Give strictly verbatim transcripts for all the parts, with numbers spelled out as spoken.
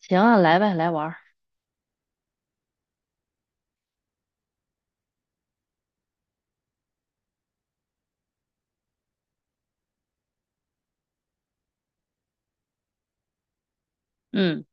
行啊，来呗，来玩儿。嗯，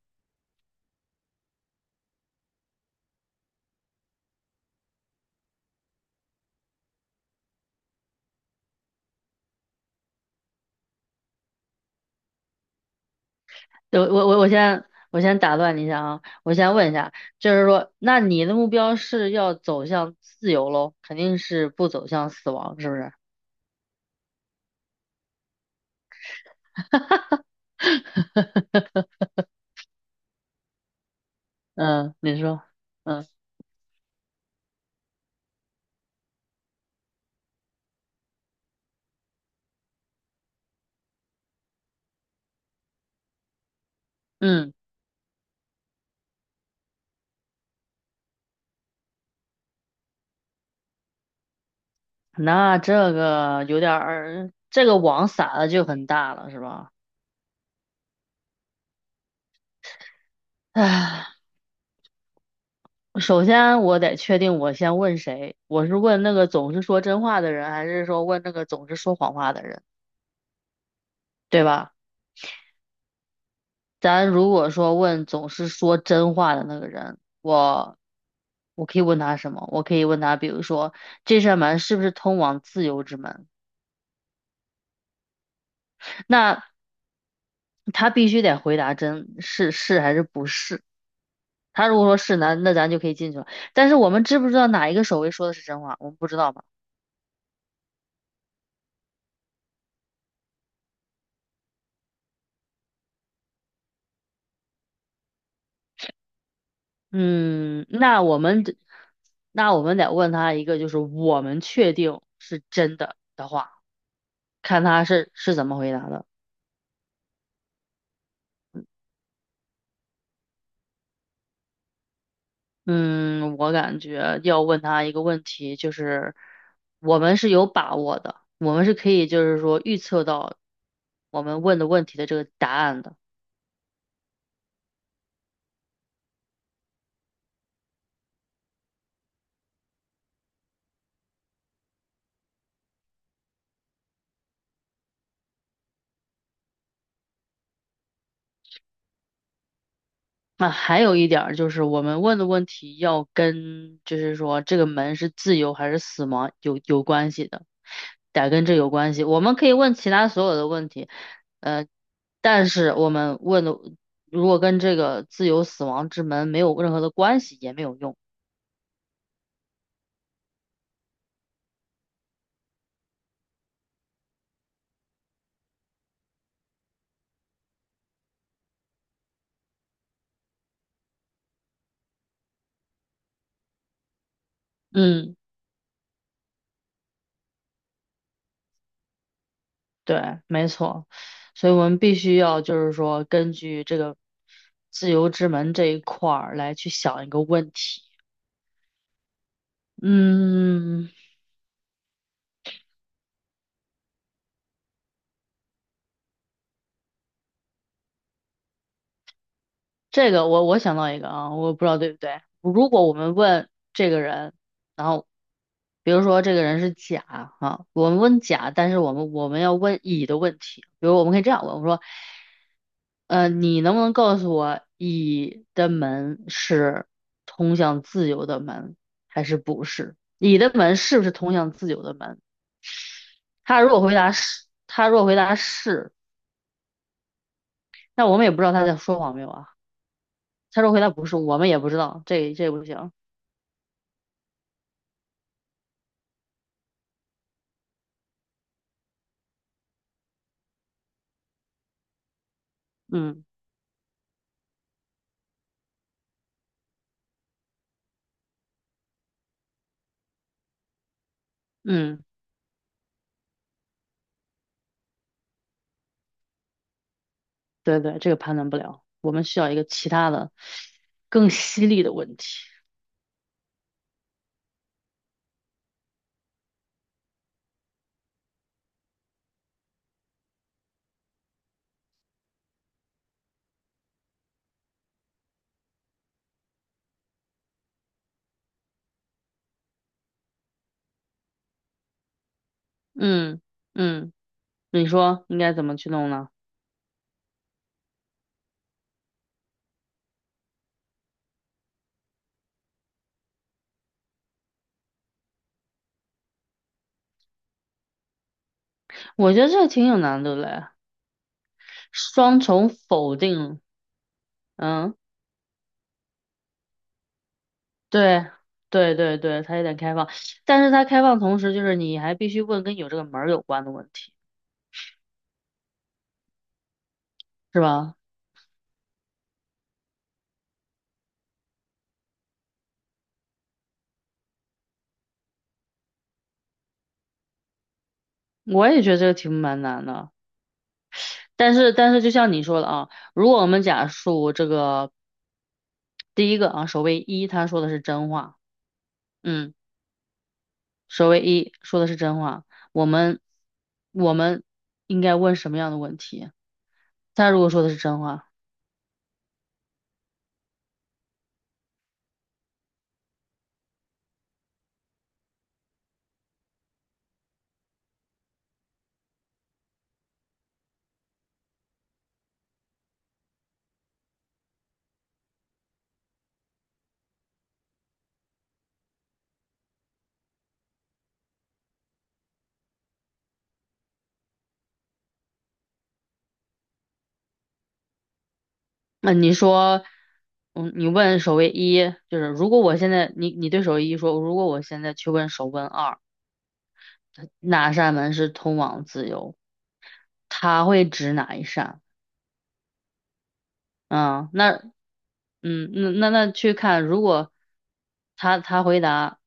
我我我我先我先打断你一下啊，我先问一下，就是说，那你的目标是要走向自由喽，肯定是不走向死亡，是不是？嗯，你说，嗯嗯，那这个有点儿，这个网撒的就很大了，是吧？唉，首先我得确定我先问谁，我是问那个总是说真话的人，还是说问那个总是说谎话的人，对吧？咱如果说问总是说真话的那个人，我我可以问他什么？我可以问他，比如说这扇门是不是通往自由之门？那他必须得回答真是是还是不是。他如果说是，那那咱就可以进去了。但是我们知不知道哪一个守卫说的是真话？我们不知道吧？嗯，那我们得那我们得问他一个，就是我们确定是真的的话，看他是是怎么回答的。嗯，我感觉要问他一个问题，就是我们是有把握的，我们是可以就是说预测到我们问的问题的这个答案的。那还有一点儿就是我们问的问题要跟就是说这个门是自由还是死亡有有关系的，得跟这有关系。我们可以问其他所有的问题，呃，但是我们问的如果跟这个自由死亡之门没有任何的关系也没有用。嗯。对，没错，所以我们必须要就是说，根据这个自由之门这一块儿来去想一个问题。嗯，这个我我想到一个啊，我不知道对不对。如果我们问这个人，然后比如说这个人是甲啊，我们问甲，但是我们我们要问乙的问题，比如我们可以这样问，我说，呃，你能不能告诉我乙的门是通向自由的门还是不是？乙的门是不是通向自由的门？他如果回答是，他如果回答是，那我们也不知道他在说谎没有啊。他如果回答不是，我们也不知道，这这不行。嗯嗯，对对，这个判断不了，我们需要一个其他的更犀利的问题。嗯嗯，你说应该怎么去弄呢？我觉得这个挺有难度的嘞，双重否定。嗯，对对对对，它有点开放，但是它开放同时就是你还必须问跟有这个门儿有关的问题，是吧？我也觉得这个题目蛮难的，但是但是就像你说的啊，如果我们假述这个第一个啊，首位一他说的是真话。嗯。守卫一说的是真话，我们我们应该问什么样的问题？他如果说的是真话，那你说，嗯，你问守卫一，就是如果我现在你你对守卫一说，如果我现在去问守卫二，哪扇门是通往自由？他会指哪一扇？嗯，那嗯那那那去看，如果他他回答。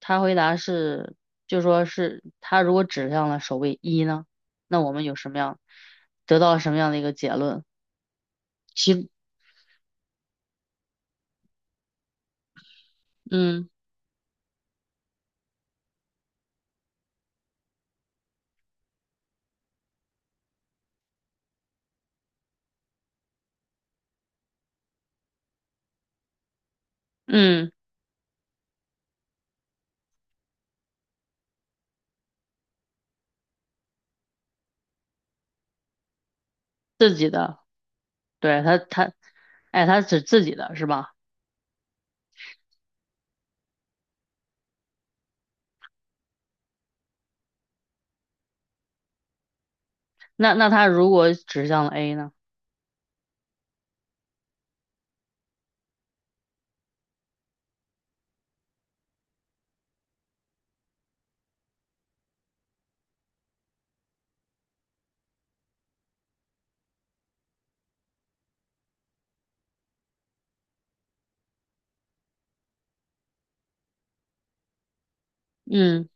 他回答是，就说是他如果指向了首位一呢，那我们有什么样，得到什么样的一个结论？其，嗯嗯，自己的，对他他，哎，他指自己的是吧？那那他如果指向了 A 呢？嗯，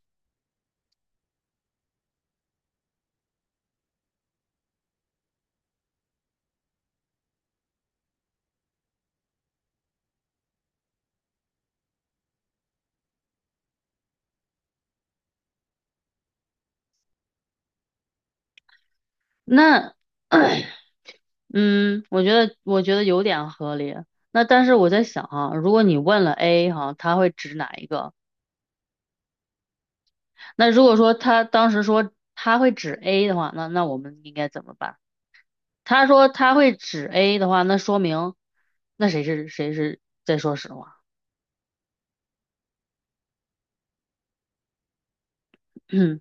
那 嗯，我觉得我觉得有点合理。那但是我在想啊，如果你问了 A 哈、他会指哪一个？那如果说他当时说他会指 A 的话，那那我们应该怎么办？他说他会指 A 的话，那说明那谁是谁是在说实话。嗯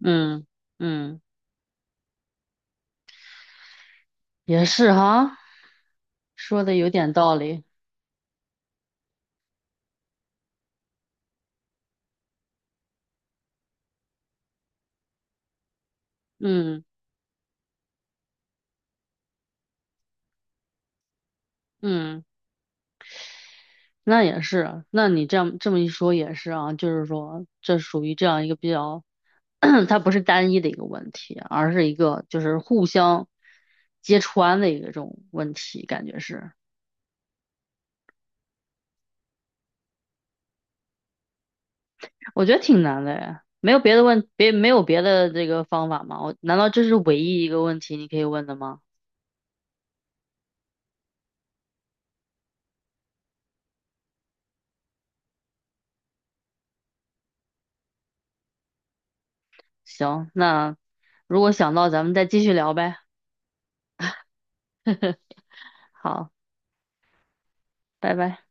嗯嗯，也是哈，说的有点道理。嗯嗯，那也是啊。那你这样这么一说也是啊，就是说这属于这样一个比较，它不是单一的一个问题，而是一个就是互相揭穿的一个这种问题，感觉是。我觉得挺难的呀，没有别的问，别没有别的这个方法吗？我难道这是唯一一个问题你可以问的吗？行，那如果想到咱们再继续聊呗。好，拜拜。